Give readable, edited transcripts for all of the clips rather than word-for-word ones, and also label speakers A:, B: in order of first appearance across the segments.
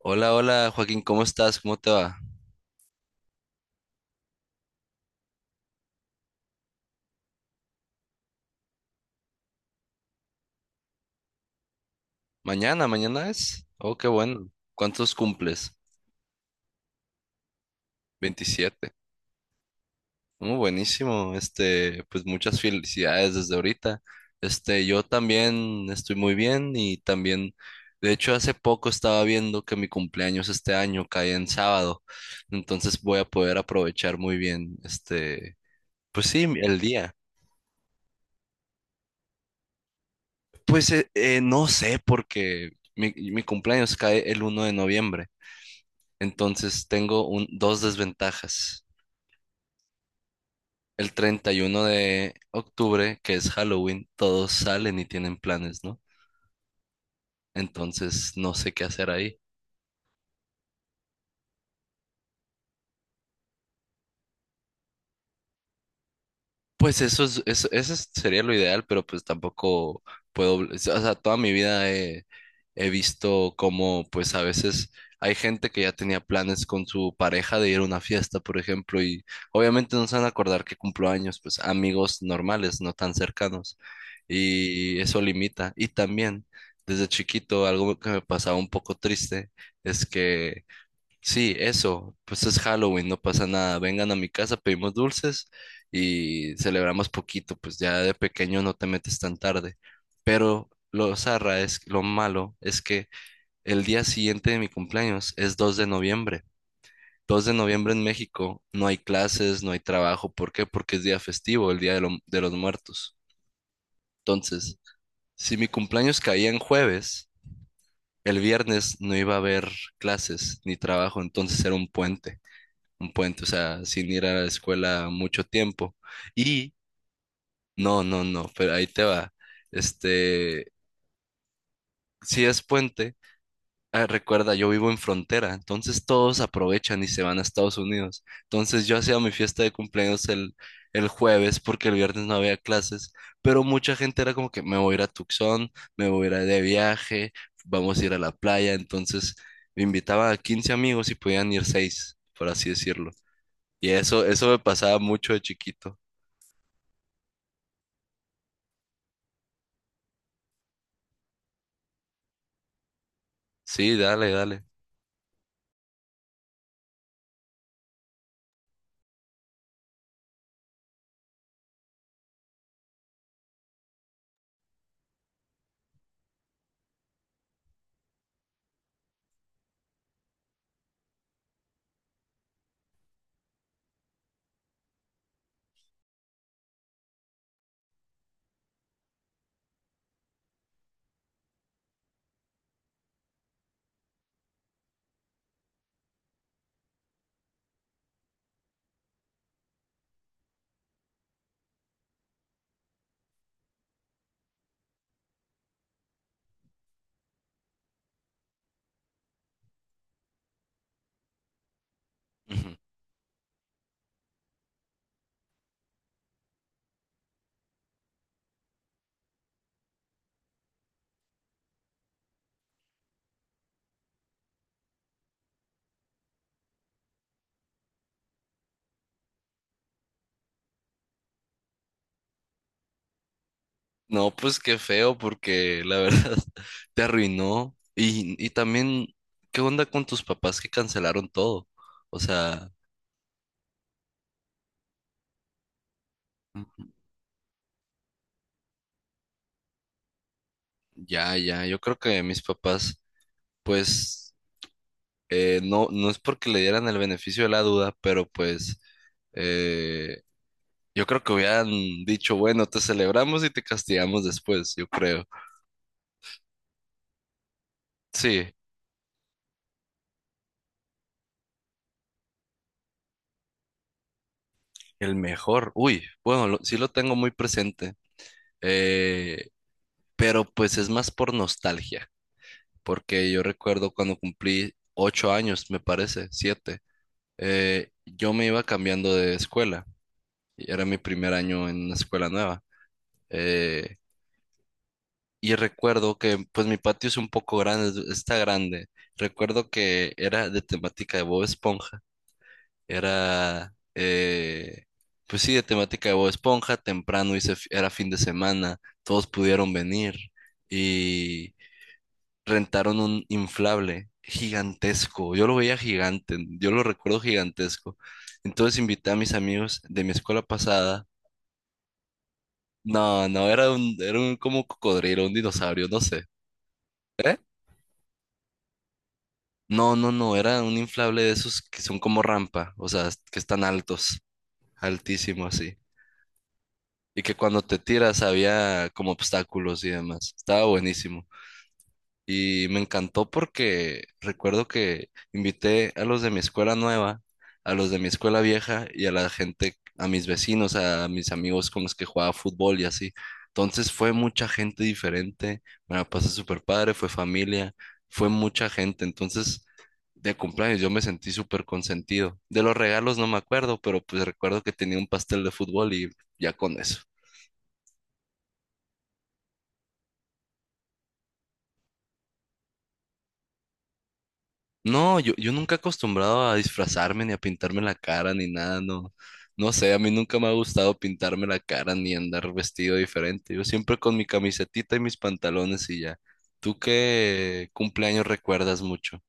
A: Hola, hola Joaquín, ¿cómo estás? ¿Cómo te va? Mañana, mañana es. Oh, qué bueno. ¿Cuántos cumples? 27. Oh, buenísimo. Este, pues muchas felicidades desde ahorita. Este, yo también estoy muy bien y también, de hecho, hace poco estaba viendo que mi cumpleaños este año cae en sábado, entonces voy a poder aprovechar muy bien, este, pues sí, el día. Pues no sé, porque mi cumpleaños cae el 1 de noviembre. Entonces tengo dos desventajas. El 31 de octubre, que es Halloween, todos salen y tienen planes, ¿no? Entonces no sé qué hacer ahí. Pues eso es, eso es- sería lo ideal, pero pues tampoco puedo, o sea, toda mi vida he visto cómo pues a veces hay gente que ya tenía planes con su pareja de ir a una fiesta, por ejemplo, y obviamente no se van a acordar que cumplo años, pues amigos normales, no tan cercanos, y eso limita. Y también, desde chiquito, algo que me pasaba un poco triste es que, sí, eso, pues es Halloween, no pasa nada. Vengan a mi casa, pedimos dulces y celebramos poquito, pues ya de pequeño no te metes tan tarde. Pero lo malo es que el día siguiente de mi cumpleaños es 2 de noviembre. 2 de noviembre en México no hay clases, no hay trabajo. ¿Por qué? Porque es día festivo, el día de los muertos. Entonces, si mi cumpleaños caía en jueves, el viernes no iba a haber clases ni trabajo, entonces era un puente. Un puente, o sea, sin ir a la escuela mucho tiempo. Y no, no, no, pero ahí te va. Este, si es puente, ah, recuerda, yo vivo en frontera, entonces todos aprovechan y se van a Estados Unidos. Entonces yo hacía mi fiesta de cumpleaños el jueves porque el viernes no había clases, pero mucha gente era como que me voy a ir a Tucson, me voy a ir de viaje, vamos a ir a la playa, entonces me invitaba a 15 amigos y podían ir 6 por así decirlo. Y eso me pasaba mucho de chiquito. Sí, dale, dale. Ujú. No, pues qué feo, porque la verdad te arruinó. Y también, ¿qué onda con tus papás que cancelaron todo? O sea, ya, ya, yo creo que mis papás, pues, no, no es porque le dieran el beneficio de la duda, pero pues, eh, yo creo que hubieran dicho, bueno, te celebramos y te castigamos después, yo creo. Sí. El mejor. Uy, bueno, sí lo tengo muy presente, eh, pero pues es más por nostalgia, porque yo recuerdo cuando cumplí 8 años, me parece, 7, yo me iba cambiando de escuela, y era mi primer año en una escuela nueva, eh, y recuerdo que pues mi patio es un poco grande, está grande, recuerdo que era de temática de Bob Esponja. Era, pues sí, de temática de Bob Esponja, temprano hice, era fin de semana, todos pudieron venir y rentaron un inflable gigantesco, yo lo veía gigante, yo lo recuerdo gigantesco. Entonces invité a mis amigos de mi escuela pasada, no, no, era un como cocodrilo, un dinosaurio, no sé. ¿Eh? No, no, no, era un inflable de esos que son como rampa, o sea, que están altos, altísimo así. Y que cuando te tiras había como obstáculos y demás. Estaba buenísimo. Y me encantó porque recuerdo que invité a los de mi escuela nueva, a los de mi escuela vieja y a la gente, a mis vecinos, a mis amigos con los que jugaba fútbol y así. Entonces fue mucha gente diferente, me la pasé súper padre, fue familia, fue mucha gente. Entonces, de cumpleaños yo me sentí súper consentido. De los regalos no me acuerdo, pero pues recuerdo que tenía un pastel de fútbol y ya con eso. No, yo nunca he acostumbrado a disfrazarme ni a pintarme la cara ni nada, no. No sé, a mí nunca me ha gustado pintarme la cara ni andar vestido diferente. Yo siempre con mi camisetita y mis pantalones y ya. ¿Tú qué cumpleaños recuerdas mucho?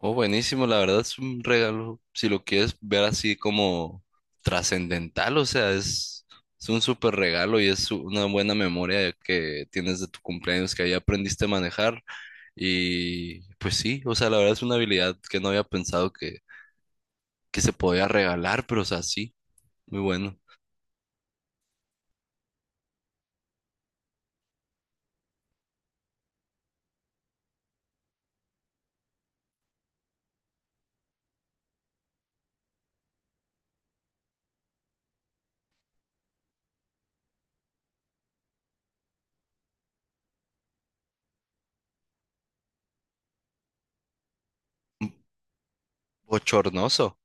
A: Oh, buenísimo, la verdad es un regalo. Si lo quieres ver así como trascendental, o sea, es un súper regalo y es una buena memoria que tienes de tu cumpleaños que ahí aprendiste a manejar. Y pues sí, o sea, la verdad es una habilidad que no había pensado que se podía regalar, pero o sea, sí, muy bueno. Bochornoso.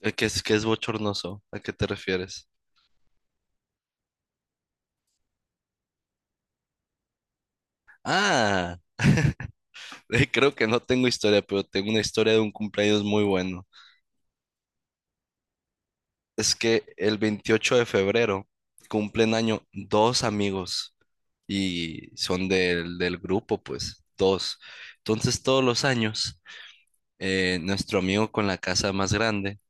A: ¿Qué es bochornoso? ¿A qué te refieres? Ah, creo que no tengo historia, pero tengo una historia de un cumpleaños muy bueno. Es que el 28 de febrero cumplen año dos amigos y son del grupo, pues, dos. Entonces, todos los años, nuestro amigo con la casa más grande,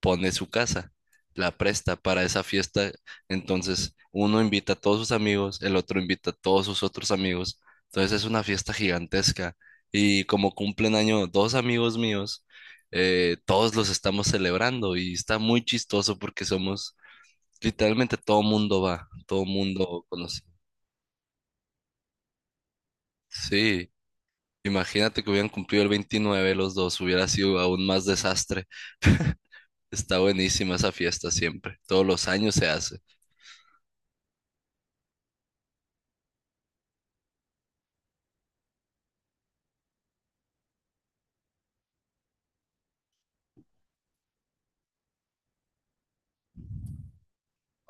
A: pone su casa, la presta para esa fiesta. Entonces, uno invita a todos sus amigos, el otro invita a todos sus otros amigos. Entonces, es una fiesta gigantesca. Y como cumplen año dos amigos míos, todos los estamos celebrando y está muy chistoso porque somos, literalmente todo mundo va, todo mundo conoce. Sí, imagínate que hubieran cumplido el 29 los dos, hubiera sido aún más desastre. Está buenísima esa fiesta siempre, todos los años se hace.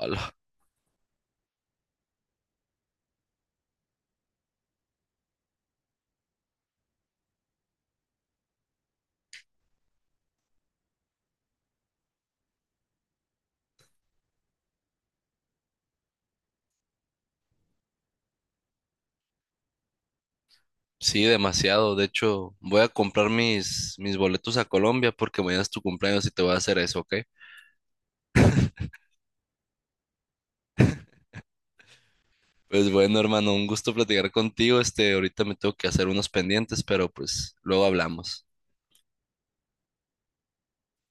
A: Ala. Sí, demasiado. De hecho, voy a comprar mis boletos a Colombia porque mañana es tu cumpleaños y te voy a hacer eso, ¿ok? Pues bueno, hermano, un gusto platicar contigo. Este, ahorita me tengo que hacer unos pendientes, pero pues luego hablamos.